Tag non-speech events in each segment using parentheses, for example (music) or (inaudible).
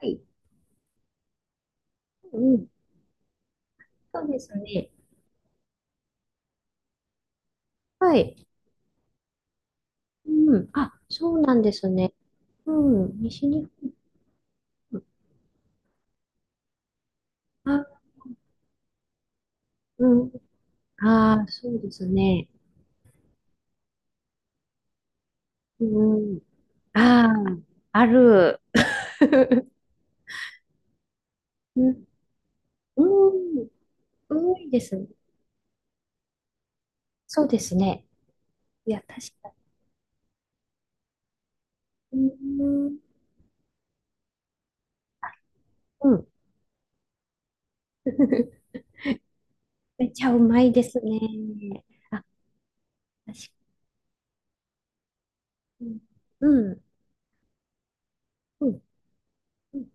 はい。うん。そうですね。はい。うん。あ、そうなんですね。うん。西日本。あ、うん。ああ、そうですね。うん。ああ、ある。(laughs) うん。うん。多いですね。そうですね。いや、確かに。うん。うん。(laughs) めっちゃうまいですね。あ、確かに。うん。うん。うん。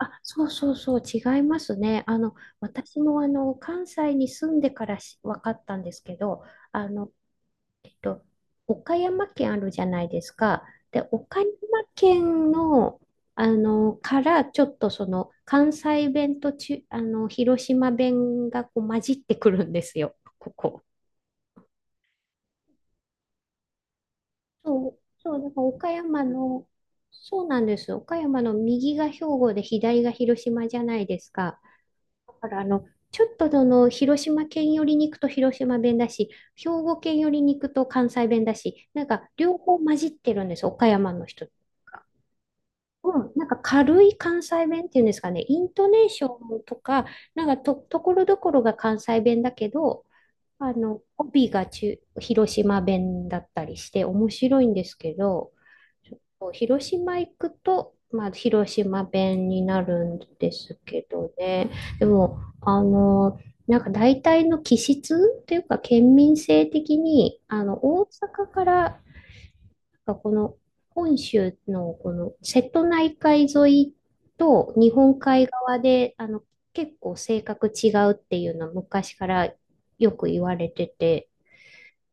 あ、そうそうそう、違いますね。私も関西に住んでからし分かったんですけど、あの、えっと、岡山県あるじゃないですか。で、岡山県の、からちょっとその、関西弁とち、あの、広島弁がこう混じってくるんですよ、ここ。そう、そう、だから岡山の、そうなんです。岡山の右が兵庫で左が広島じゃないですか。だからちょっとその広島県寄りに行くと広島弁だし、兵庫県寄りに行くと関西弁だし、なんか両方混じってるんです、岡山の人が。うん、なんか軽い関西弁っていうんですかね、イントネーションとか、なんか、ところどころが関西弁だけど、帯が中広島弁だったりして面白いんですけど、広島行くと、まあ、広島弁になるんですけどね。でも、なんか大体の気質っていうか、県民性的に、大阪から、なんかこの本州のこの瀬戸内海沿いと日本海側で、結構性格違うっていうのは昔からよく言われてて、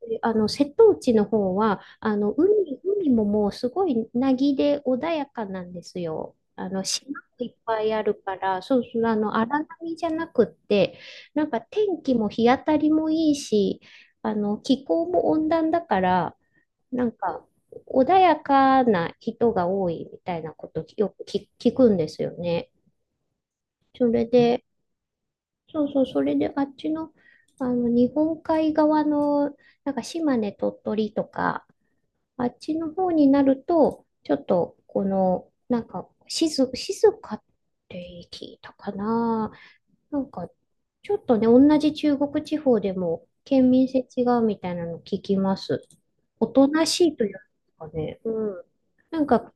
で、瀬戸内の方は、海ももうすごい凪で穏やかなんですよ。島もいっぱいあるから、そうそう、荒波じゃなくって、なんか天気も日当たりもいいし、気候も温暖だから、なんか、穏やかな人が多いみたいなことよく聞くんですよね。それで、そうそう、それであっちの、あの日本海側のなんか島根、鳥取とか、あっちの方になると、ちょっと、この、なんか、静かって聞いたかな。なんか、ちょっとね、同じ中国地方でも、県民性違うみたいなの聞きます。おとなしいというかね、うん。なんか、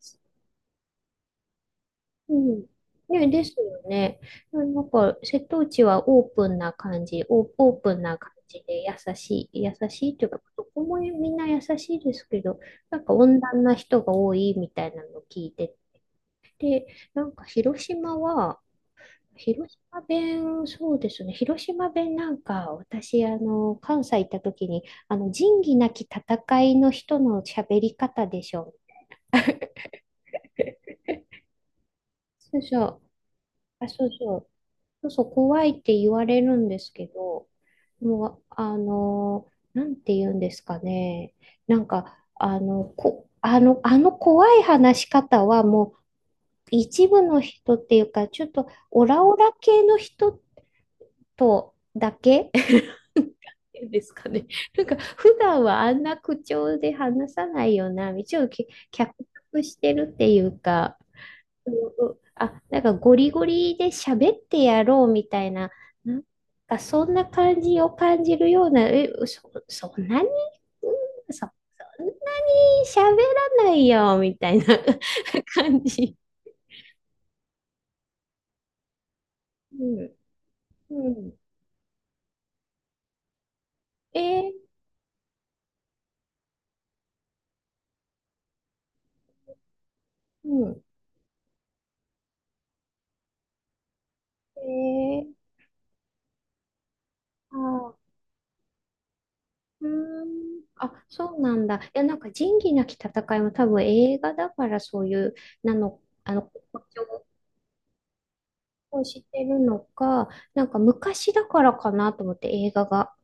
うん。ね、ですよね。なんか、瀬戸内はオープンな感じ、オープンな感じで優しい、優しいというか、どこもみんな優しいですけど、なんか温暖な人が多いみたいなのを聞いてて、なんか広島は、広島弁、そうですね、広島弁なんか、私、関西行った時に、仁義なき戦いの人の喋り方でしょ。そうそう、あ、そうそう。そうそう、怖いって言われるんですけど、もう、なんて言うんですかね。なんか、あの、こ、あの、あの怖い話し方はもう一部の人っていうか、ちょっとオラオラ系の人とだけ (laughs) ですかね。なんか、普段はあんな口調で話さないよな、一応脚色してるっていうか、うん、うん、あ、なんかゴリゴリで喋ってやろうみたいな、なんかそんな感じを感じるような、そんなに、うんそんなに喋らないよみたいな (laughs) 感じ。うん、うん。えー、うん。えー、あー、うーん。あ、そうなんだ。いや、なんか仁義なき戦いも多分映画だからそういう、なの、誇張をしてるのか、なんか昔だからかなと思って映画が。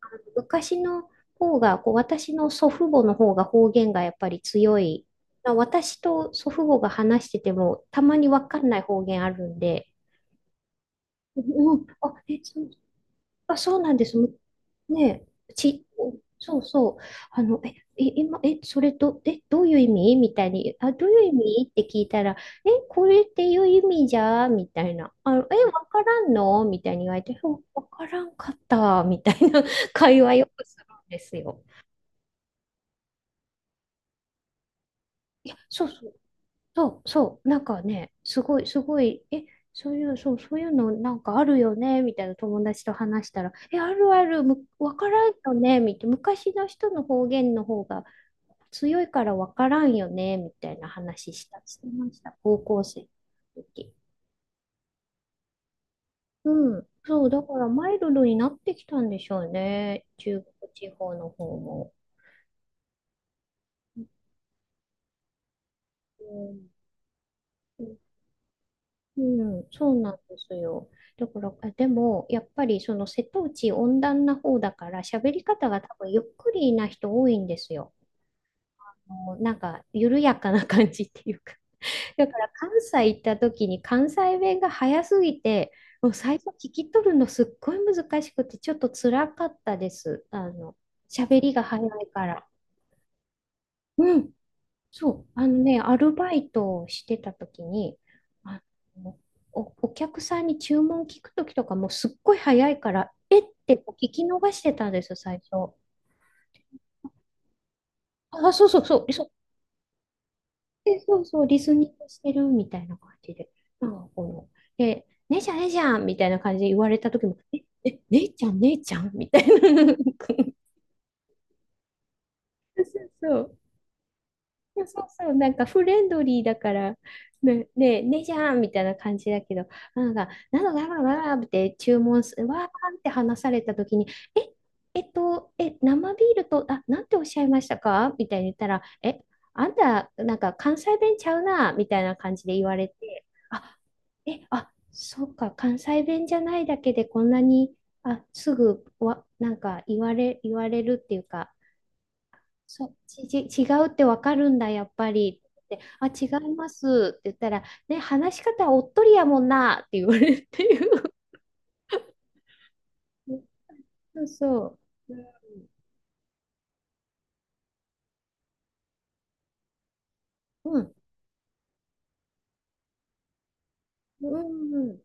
あの昔の方が、こう私の祖父母の方が方言がやっぱり強い。まあ私と祖父母が話しててもたまにわかんない方言あるんで、うん、あ、え、そあ、そうなんです。むねえ、ち、そうそう。あの、え、今、え、それど、え、どういう意味みたいに、あ、どういう意味って聞いたら、これっていう意味じゃみたいな。わからんのみたいに言われて、うん、わからんかった、みたいな (laughs) 会話よくするんですよ。いや、そうそう。そう、そう、なんかね、すごい、すごい、え、そういう、そう、そういうのなんかあるよね、みたいな友達と話したら、え、あるある、む、わからんよね、みたいな、昔の人の方言の方が強いからわからんよね、みたいな話した、してました、高校生の時。うん、そう、だからマイルドになってきたんでしょうね、中国地方の方も。うんうん、そうなんですよ。だから、あでも、やっぱりその瀬戸内温暖な方だから、喋り方が多分ゆっくりな人多いんですよ。もうなんか、緩やかな感じっていうか。だから、関西行った時に関西弁が早すぎて、もう最初聞き取るのすっごい難しくて、ちょっと辛かったです。喋りが早いから。うん、そう、あのね、アルバイトをしてた時に、あの、お、お客さんに注文聞く時とかもうすっごい早いから、えってこう聞き逃してたんですよ、最初。あ、そうそうそう、そう、そうそう、リスニングしてるみたいな感じで。なんかこの、で、姉ちゃん、姉ちゃんみたいな感じで言われた時も、え、え、姉ちゃん、姉ちゃんみたいな。(laughs) そうそうそうそう、なんかフレンドリーだから、ね、ね、ねじゃんみたいな感じだけど、なんか、なのだわわわって注文す、わーって話されたときに、え、生ビールと、あ、なんておっしゃいましたかみたいに言ったら、え、あんた、なんか関西弁ちゃうな、みたいな感じで言われて、あ、え、あ、そうか、関西弁じゃないだけでこんなに、あ、すぐわ、なんか言われるっていうか、そう、違うってわかるんだ、やっぱり。ってあ、違いますって言ったら、ね、話し方おっとりやもんなって言われるっていう。そうそう。うん、うん、うん。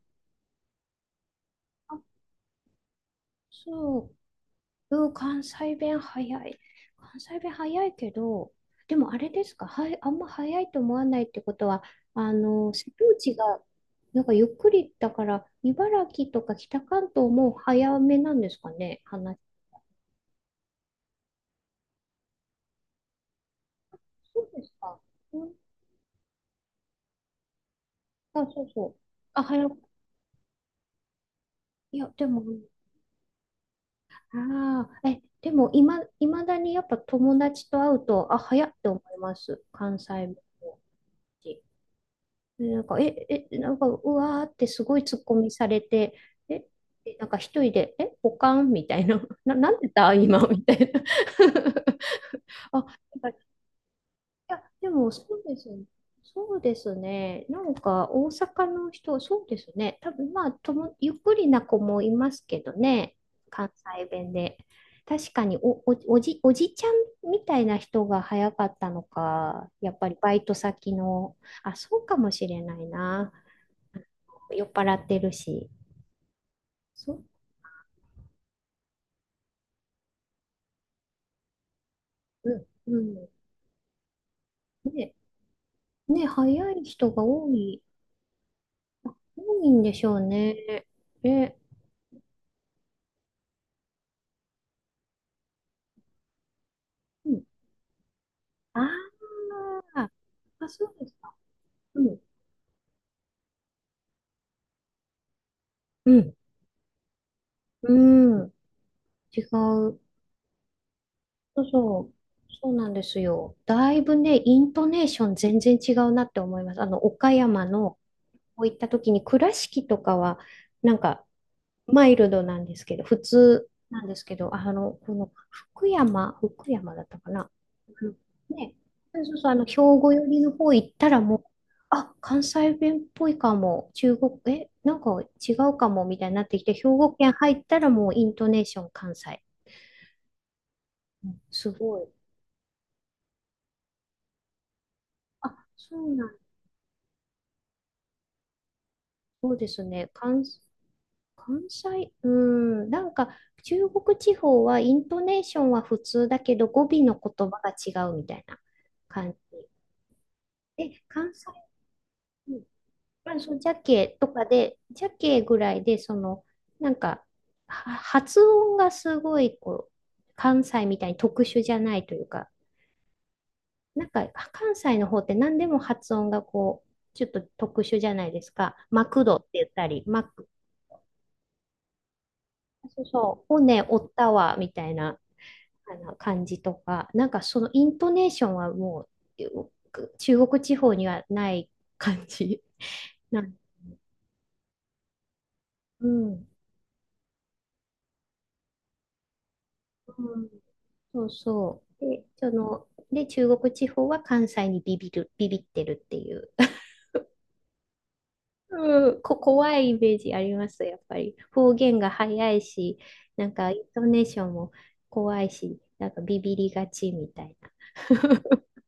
あ、そう。うん、関西弁早い。関西弁早いけど、でもあれですか、はい、あんま早いと思わないってことは、瀬戸内が、なんかゆっくりだから、茨城とか北関東も早めなんですかね、話。そうですか。あ、そうそう。あ、早く、いや、でも、ああ、でも、いまだにやっぱ友達と会うと、あ、早っって思います。関西弁のしでなんか、なんか、うわーってすごい突っ込みされて、え、でなんか一人で、ポカンみたいな、(laughs) なんでだ、今、みたいな。(laughs) あ、いや、でもそうです。そうですね。なんか大阪の人、そうですね。多分まあとも、ゆっくりな子もいますけどね。関西弁で。確かにおじちゃんみたいな人が早かったのか、やっぱりバイト先の、あ、そうかもしれないな。なんか酔っ払ってるし。そう、うん、うん。ね、ね、早い人が多い、多いんでしょうね。え、うん、ああ、あ、そうですか。うん。うん。うん。違う。そうそう。そうなんですよ。だいぶね、イントネーション全然違うなって思います。岡山の、こういった時に倉敷とかは、なんか、マイルドなんですけど、普通なんですけど、この福山、福山だったかな。あのね、そうそうそう、兵庫寄りの方行ったらもう、あ、関西弁っぽいかも、中国、なんか違うかもみたいになってきて、兵庫県入ったらもうイントネーション関西。うん、すごい。あ、そうなん、そうですね。関西、うん、なんか中国地方はイントネーションは普通だけど語尾の言葉が違うみたいな感じ。関西、まあ、そのジャケとかで、ジャケぐらいで、その、なんか、は発音がすごい、こう、関西みたいに特殊じゃないというか、なんか、関西の方って何でも発音がこう、ちょっと特殊じゃないですか。マクドって言ったり、マック、そうそう、骨折ったわ、みたいな、あの感じとか、なんかそのイントネーションはもう、中国地方にはない感じ。(laughs) なん、うん。うん、そうそう。で、中国地方は関西にビビってるっていう。(laughs) うん、怖いイメージあります、やっぱり。方言が早いし、なんか、イントネーションも怖いし、なんかビビりがちみたいな。(laughs)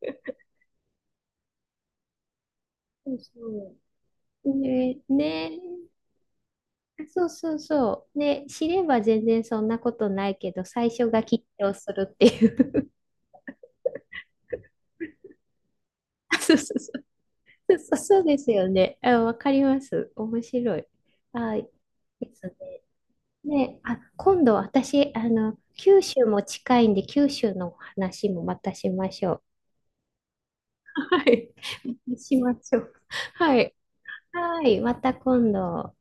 そうそう。ね、ね、そうそうそう。ね、知れば全然そんなことないけど、最初が緊張するっていう。(laughs) そうそうそう。そうそうそうですよね。あ、わかります。面白い。はい。ですね。ね、あ、今度私、九州も近いんで、九州のお話もまたしましょう。はい。(laughs) しましょう。はい。はい、また今度。